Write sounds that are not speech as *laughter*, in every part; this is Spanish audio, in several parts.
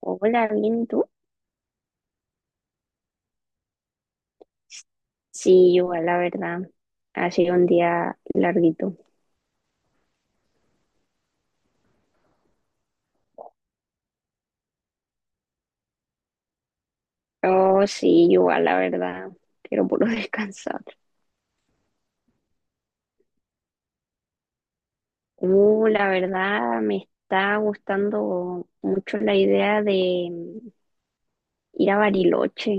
Hola, bien, ¿y tú? Sí, igual, la verdad. Ha sido un día larguito. Oh, sí, igual, la verdad. Quiero puro *laughs* descansar. La verdad, me está gustando mucho la idea de ir a Bariloche.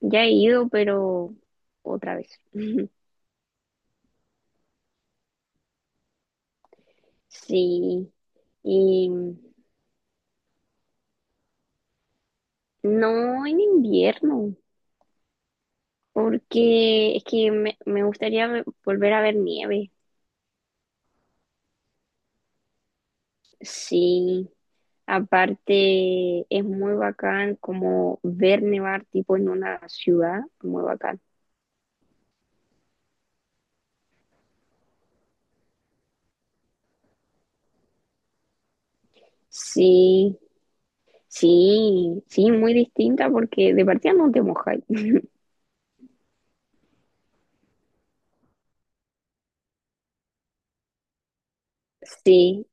Ya he ido, pero otra vez. *laughs* Sí, y no en invierno, porque es que me gustaría volver a ver nieve. Sí. Aparte, es muy bacán como ver nevar tipo en una ciudad, muy bacán. Sí, sí, sí, muy distinta porque de partida no te mojáis. Sí,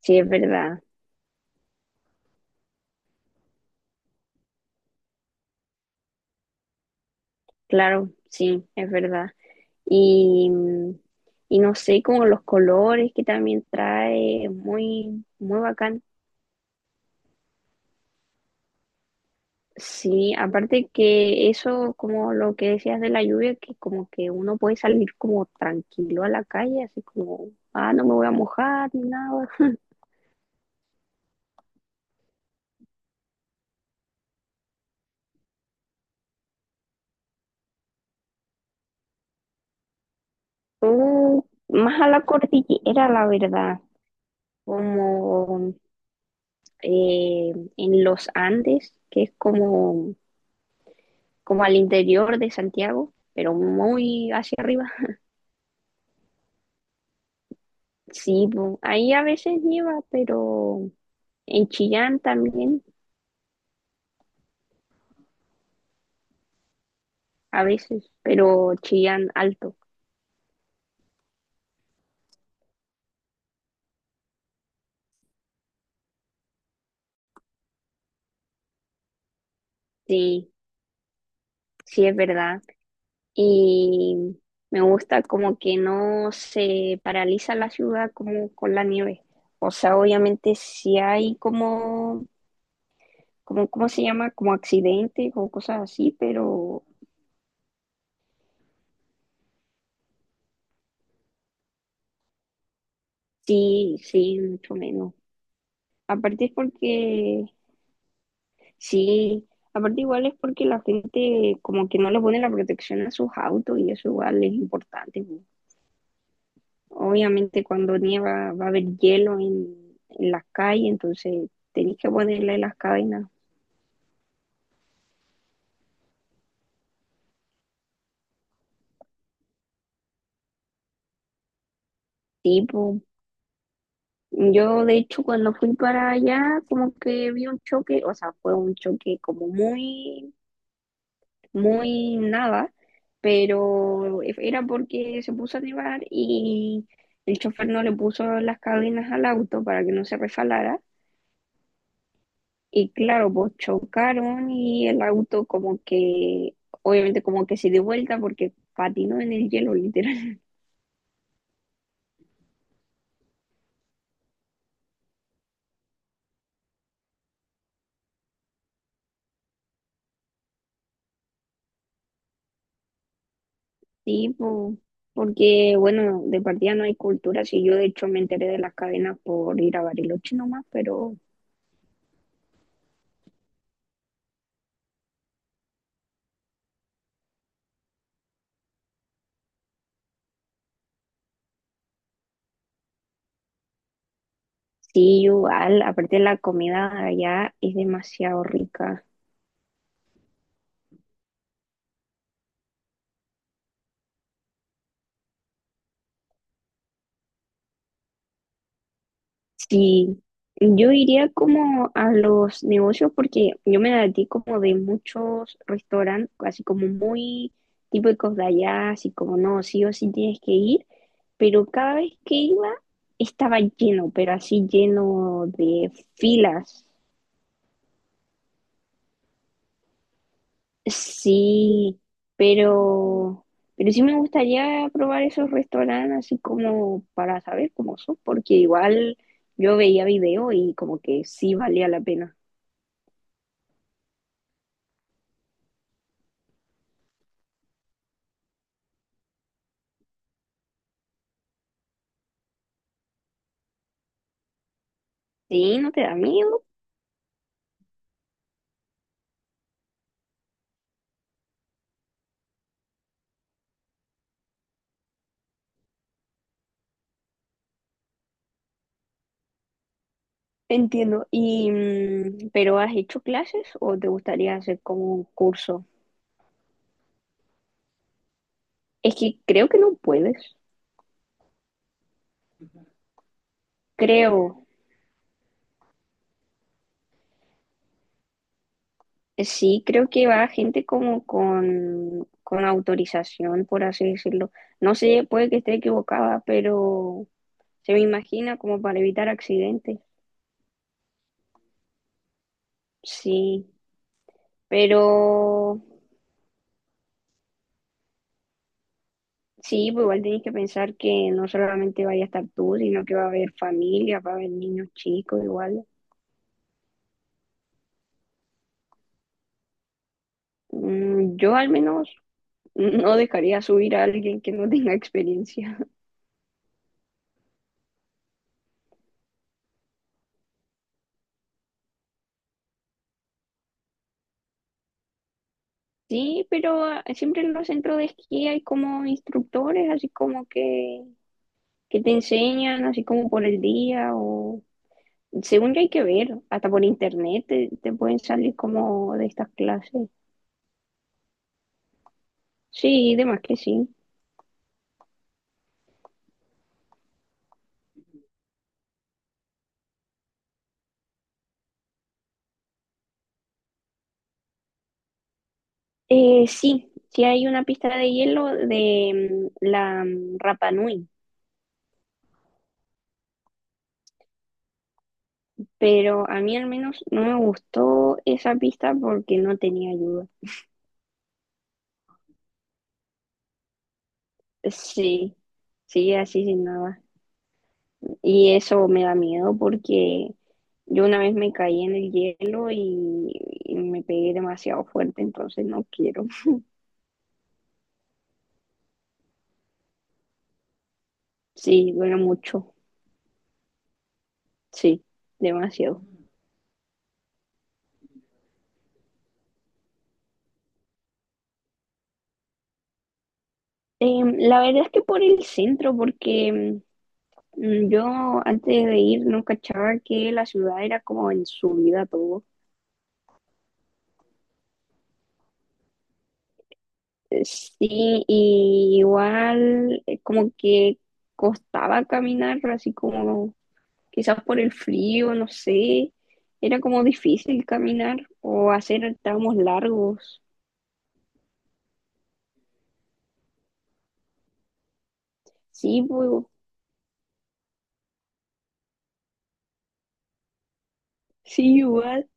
sí, es verdad, claro, sí, es verdad. Y, y no sé, como los colores que también trae, muy, muy bacán. Sí, aparte que eso, como lo que decías de la lluvia, que como que uno puede salir como tranquilo a la calle, así como, ah, no me voy a mojar ni nada. O más a la cordillera, la verdad, como en los Andes, que es como, como al interior de Santiago, pero muy hacia arriba. Sí, po, ahí a veces nieva, pero en Chillán también, a veces, pero Chillán alto. Sí. Sí, es verdad. Y me gusta como que no se paraliza la ciudad como con la nieve. O sea, obviamente si hay como, como, ¿cómo se llama? Como accidentes o cosas así, pero sí, sí, mucho menos. Aparte es porque, sí, aparte igual es porque la gente como que no le pone la protección a sus autos y eso igual es importante, pues. Obviamente cuando nieva va a haber hielo en las calles, entonces tenés que ponerle las cadenas. Tipo, yo de hecho cuando fui para allá como que vi un choque, o sea, fue un choque como muy, muy nada, pero era porque se puso a nevar y el chofer no le puso las cadenas al auto para que no se refalara. Y claro, pues chocaron y el auto como que, obviamente como que se dio vuelta porque patinó en el hielo, *laughs* literal. Sí, po, porque bueno, de partida no hay cultura, sí, yo de hecho me enteré de las cadenas por ir a Bariloche nomás, pero sí, igual, aparte la comida allá es demasiado rica. Sí, yo iría como a los negocios porque yo me ti como de muchos restaurantes, así como muy típicos de allá, así como no, sí o sí tienes que ir, pero cada vez que iba estaba lleno, pero así lleno de filas. Sí, pero, pero sí me gustaría probar esos restaurantes así como para saber cómo son, porque igual yo veía video y como que sí valía la pena. Sí, no te da miedo. Entiendo. Y, ¿pero has hecho clases o te gustaría hacer como un curso? Es que creo que no puedes. Creo. Sí, creo que va gente como con autorización, por así decirlo. No sé, puede que esté equivocada, pero se me imagina como para evitar accidentes. Sí, pero sí, pues igual tienes que pensar que no solamente vaya a estar tú, sino que va a haber familia, va a haber niños chicos igual. Yo al menos no dejaría subir a alguien que no tenga experiencia. *laughs* Sí, pero ah, siempre en los centros de esquí hay como instructores, así como que te enseñan, así como por el día, o según yo hay que ver, hasta por internet te pueden salir como de estas clases. Sí, de más que sí. Sí, sí hay una pista de hielo de la Rapa Nui, pero a mí al menos no me gustó esa pista porque no tenía ayuda. Sí, sí, así sin nada. Y eso me da miedo porque yo una vez me caí en el hielo y me pegué demasiado fuerte, entonces no quiero. Sí, duele mucho, sí, demasiado. Em, la verdad es que por el centro, porque yo antes de ir no cachaba que la ciudad era como en subida todo. Sí, y igual como que costaba caminar, así como quizás por el frío, no sé, era como difícil caminar o hacer tramos largos. Sí, pues, sí, igual.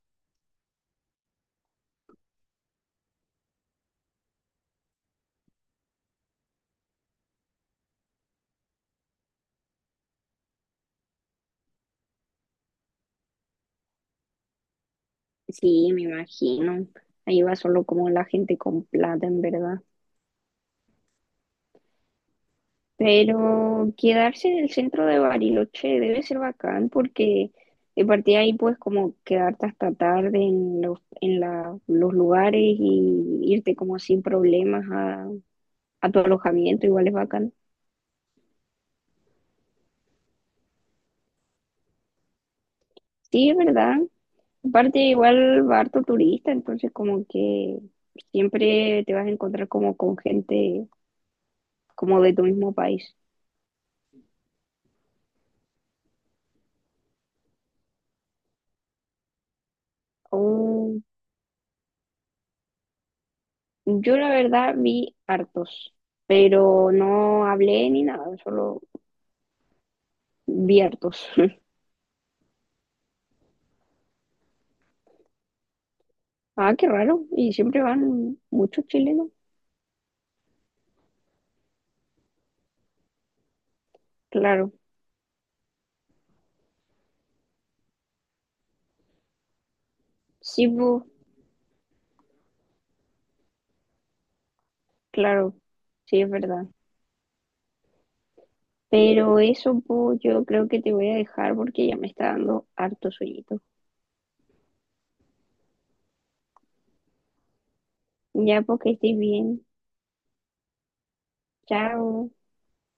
Sí, me imagino. Ahí va solo como la gente con plata, en verdad. Pero quedarse en el centro de Bariloche debe ser bacán porque de partida ahí puedes como quedarte hasta tarde en los, en los lugares y irte como sin problemas a tu alojamiento, igual es bacán. Sí, es verdad. Aparte, igual va harto turista, entonces como que siempre te vas a encontrar como con gente como de tu mismo país. Oh, yo la verdad vi hartos, pero no hablé ni nada, solo vi hartos. *laughs* Ah, qué raro. Y siempre van muchos chilenos. Claro, sí, pues, claro, sí, es verdad. Pero eso, pues, yo creo que te voy a dejar porque ya me está dando harto sueñito. Ya, porque estés bien. Chao.